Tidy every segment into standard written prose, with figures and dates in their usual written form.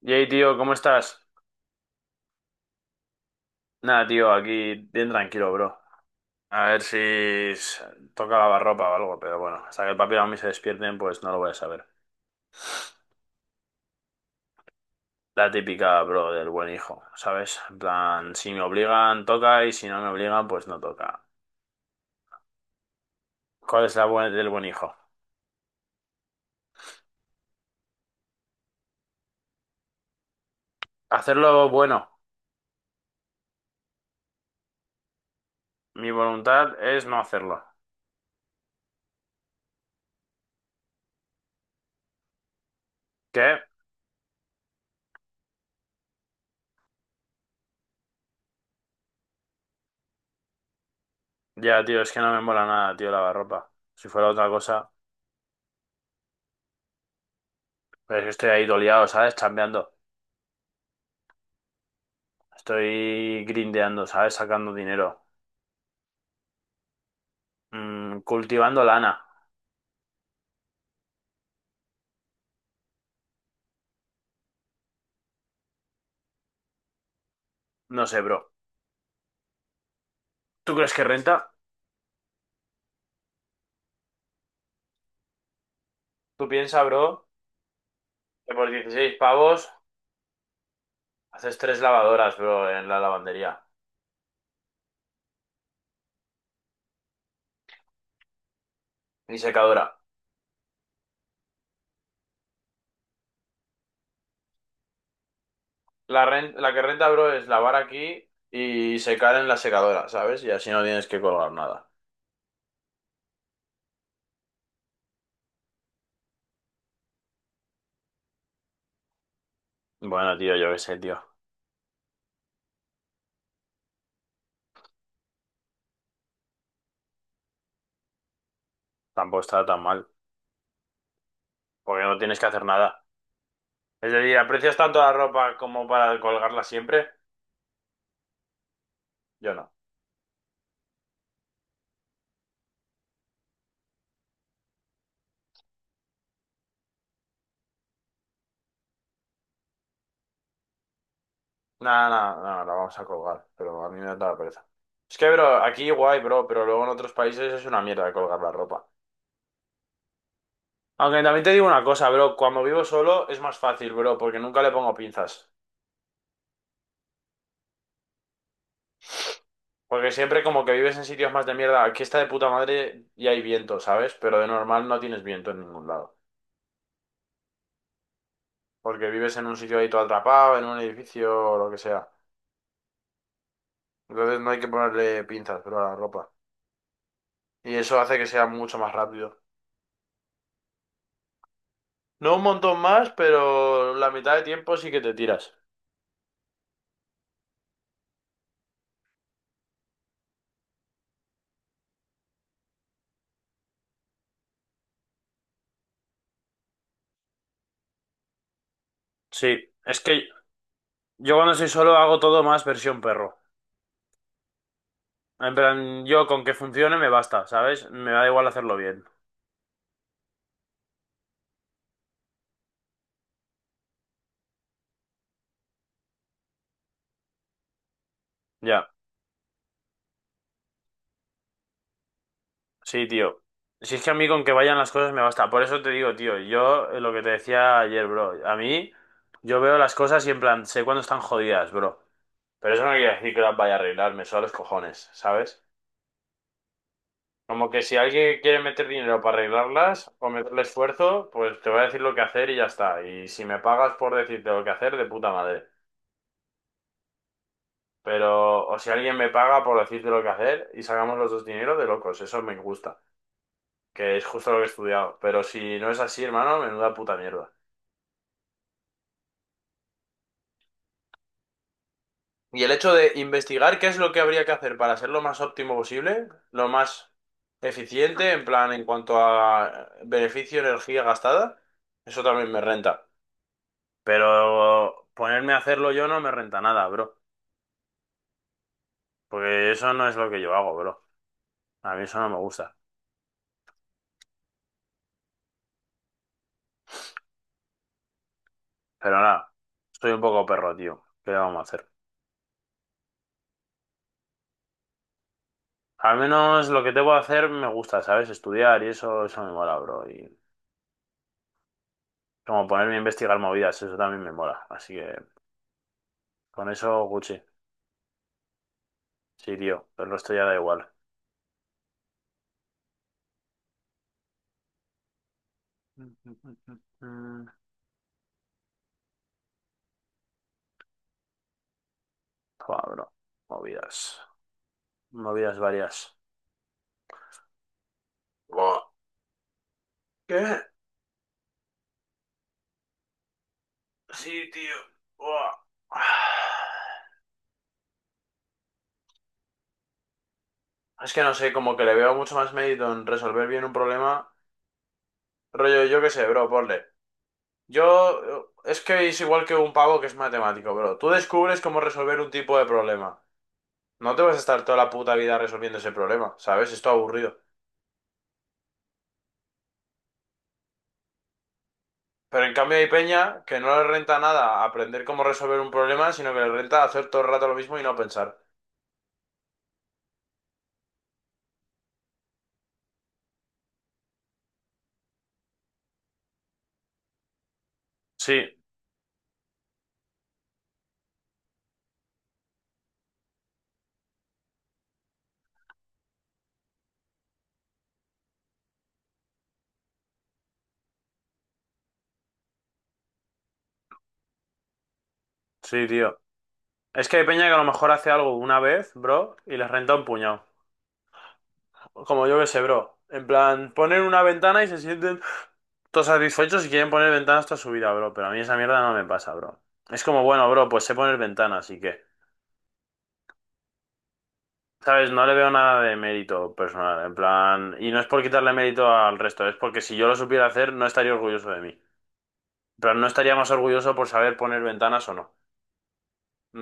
Yay, tío, ¿cómo estás? Nada, tío, aquí bien tranquilo, bro. A ver si s- toca lavarropa o algo, pero bueno, hasta que el papi y la mami se despierten, pues no lo voy a saber. La típica, bro, del buen hijo, ¿sabes? En plan, si me obligan, toca, y si no me obligan, pues no toca. ¿Cuál es la del buen hijo? Hacerlo bueno. Mi voluntad es no hacerlo. ¿Qué? Ya, tío, es que no me mola nada, tío, lavarropa. Si fuera otra cosa, pero es que estoy ahí doliado, ¿sabes? Chambeando. Estoy grindeando, ¿sabes? Sacando dinero. Mm, cultivando lana. No sé, bro. ¿Tú crees que renta? Tú piensa, bro, que por 16 pavos haces 3 lavadoras, bro, en la lavandería. Y secadora. La, la que renta, bro, es lavar aquí y secar en la secadora, ¿sabes? Y así no tienes que colgar nada. Bueno, tío, yo qué sé, tío. Tampoco está tan mal. Porque no tienes que hacer nada. Es decir, ¿aprecias tanto la ropa como para colgarla siempre? Yo no. Nada, nada, nada, la vamos a colgar, pero a mí me da la pereza. Es que, bro, aquí guay, bro, pero luego en otros países es una mierda colgar la ropa. Aunque también te digo una cosa, bro, cuando vivo solo es más fácil, bro, porque nunca le pongo pinzas. Porque siempre como que vives en sitios más de mierda, aquí está de puta madre y hay viento, ¿sabes? Pero de normal no tienes viento en ningún lado. Porque vives en un sitio ahí todo atrapado, en un edificio o lo que sea. Entonces no hay que ponerle pinzas, bro, a la ropa. Y eso hace que sea mucho más rápido. No un montón más, pero la mitad de tiempo sí que te tiras. Sí, es que yo cuando soy solo hago todo más versión perro. En plan, yo con que funcione me basta, ¿sabes? Me da igual hacerlo bien. Ya, sí, tío. Si es que a mí con que vayan las cosas me basta. Por eso te digo, tío, yo lo que te decía ayer, bro. A mí, yo veo las cosas y en plan, sé cuándo están jodidas, bro. Pero eso no quiere decir que las vaya a arreglar, me suda los cojones, ¿sabes? Como que si alguien quiere meter dinero para arreglarlas o meterle esfuerzo, pues te voy a decir lo que hacer y ya está. Y si me pagas por decirte lo que hacer, de puta madre. Pero, o si alguien me paga por decirte lo que hacer y sacamos los dos dinero de locos, eso me gusta, que es justo lo que he estudiado. Pero si no es así, hermano, menuda puta mierda. Y el hecho de investigar qué es lo que habría que hacer para ser lo más óptimo posible, lo más eficiente, en plan, en cuanto a beneficio, energía gastada, eso también me renta. Pero ponerme a hacerlo yo no me renta nada, bro. Porque eso no es lo que yo hago, bro. A mí eso no me gusta. Pero nada, soy un poco perro, tío. ¿Qué le vamos a hacer? Al menos lo que tengo que hacer me gusta, ¿sabes? Estudiar y eso me mola, bro. Y como ponerme a investigar movidas, eso también me mola. Así que con eso, Gucci. Sí, tío. Pero esto ya da igual. Joder, bro. Movidas. Movidas varias. Buah. ¿Qué? Sí, tío. Buah. Es que no sé, como que le veo mucho más mérito en resolver bien un problema. Rollo, yo qué sé, bro, ponle. Yo, es que es igual que un pavo que es matemático, bro. Tú descubres cómo resolver un tipo de problema. No te vas a estar toda la puta vida resolviendo ese problema, ¿sabes? Esto aburrido. Pero en cambio hay peña que no le renta nada aprender cómo resolver un problema, sino que le renta hacer todo el rato lo mismo y no pensar. Sí, sí, tío. Es que hay peña que a lo mejor hace algo una vez, bro, y les renta un puñado. Como yo que sé, bro. En plan, ponen una ventana y se sienten. Todos satisfechos y quieren poner ventanas toda su vida, bro. Pero a mí esa mierda no me pasa, bro. Es como, bueno, bro, pues sé poner ventanas, así que, ¿sabes? No le veo nada de mérito personal, en plan... Y no es por quitarle mérito al resto, es porque si yo lo supiera hacer, no estaría orgulloso de mí. Pero no estaría más orgulloso por saber poner ventanas o no.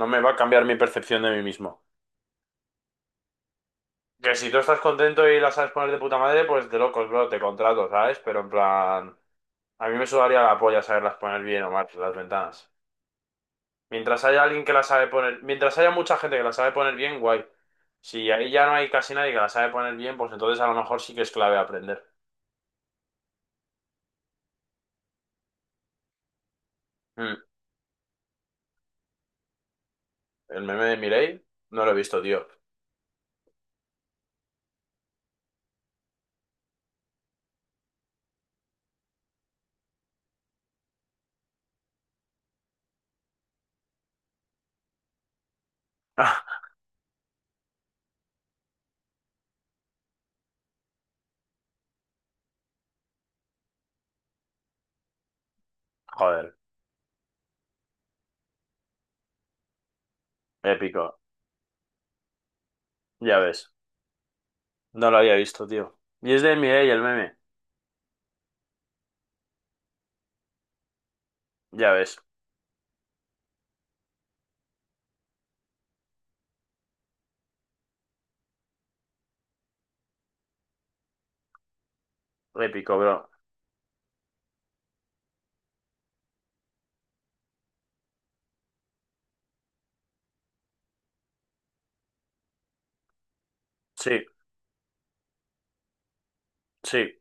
No me va a cambiar mi percepción de mí mismo. Que si tú estás contento y la sabes poner de puta madre, pues de locos, bro, te contrato, ¿sabes? Pero en plan... A mí me sudaría la polla saberlas poner bien o mal, las ventanas. Mientras haya alguien que la sabe poner, mientras haya mucha gente que la sabe poner bien, guay. Si ahí ya no hay casi nadie que la sabe poner bien, pues entonces a lo mejor sí que es clave aprender. Mm, el meme de Mireille no lo he visto, tío. Joder, épico. Ya ves. No lo había visto, tío. Y es de Mireille el meme. Ya ves. Épico, bro. Sí, sí,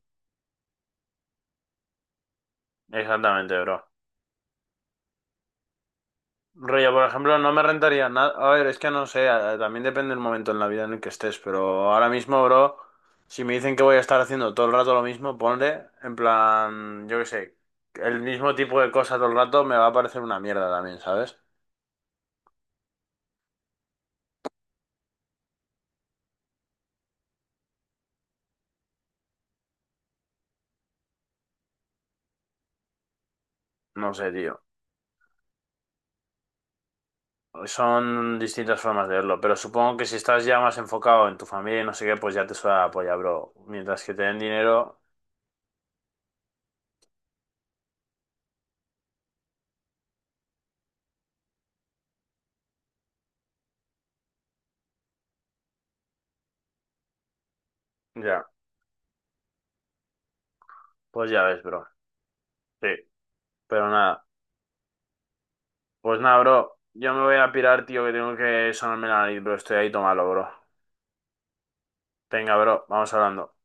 exactamente, bro. Rollo, por ejemplo, no me rentaría nada. A ver, es que no sé, también depende del momento en la vida en el que estés, pero ahora mismo, bro, si me dicen que voy a estar haciendo todo el rato lo mismo, ponle, en plan, yo qué sé, el mismo tipo de cosa todo el rato me va a parecer una mierda también, ¿sabes? No sé, tío. Son distintas formas de verlo, pero supongo que si estás ya más enfocado en tu familia y no sé qué, pues ya te suena la polla, bro. Mientras que te den dinero, ya, pues ya ves, bro. Sí, pero nada. Pues nada, bro. Yo me voy a pirar, tío, que tengo que sonarme la nariz, bro. Estoy ahí, tómalo, bro. Venga, bro, vamos hablando.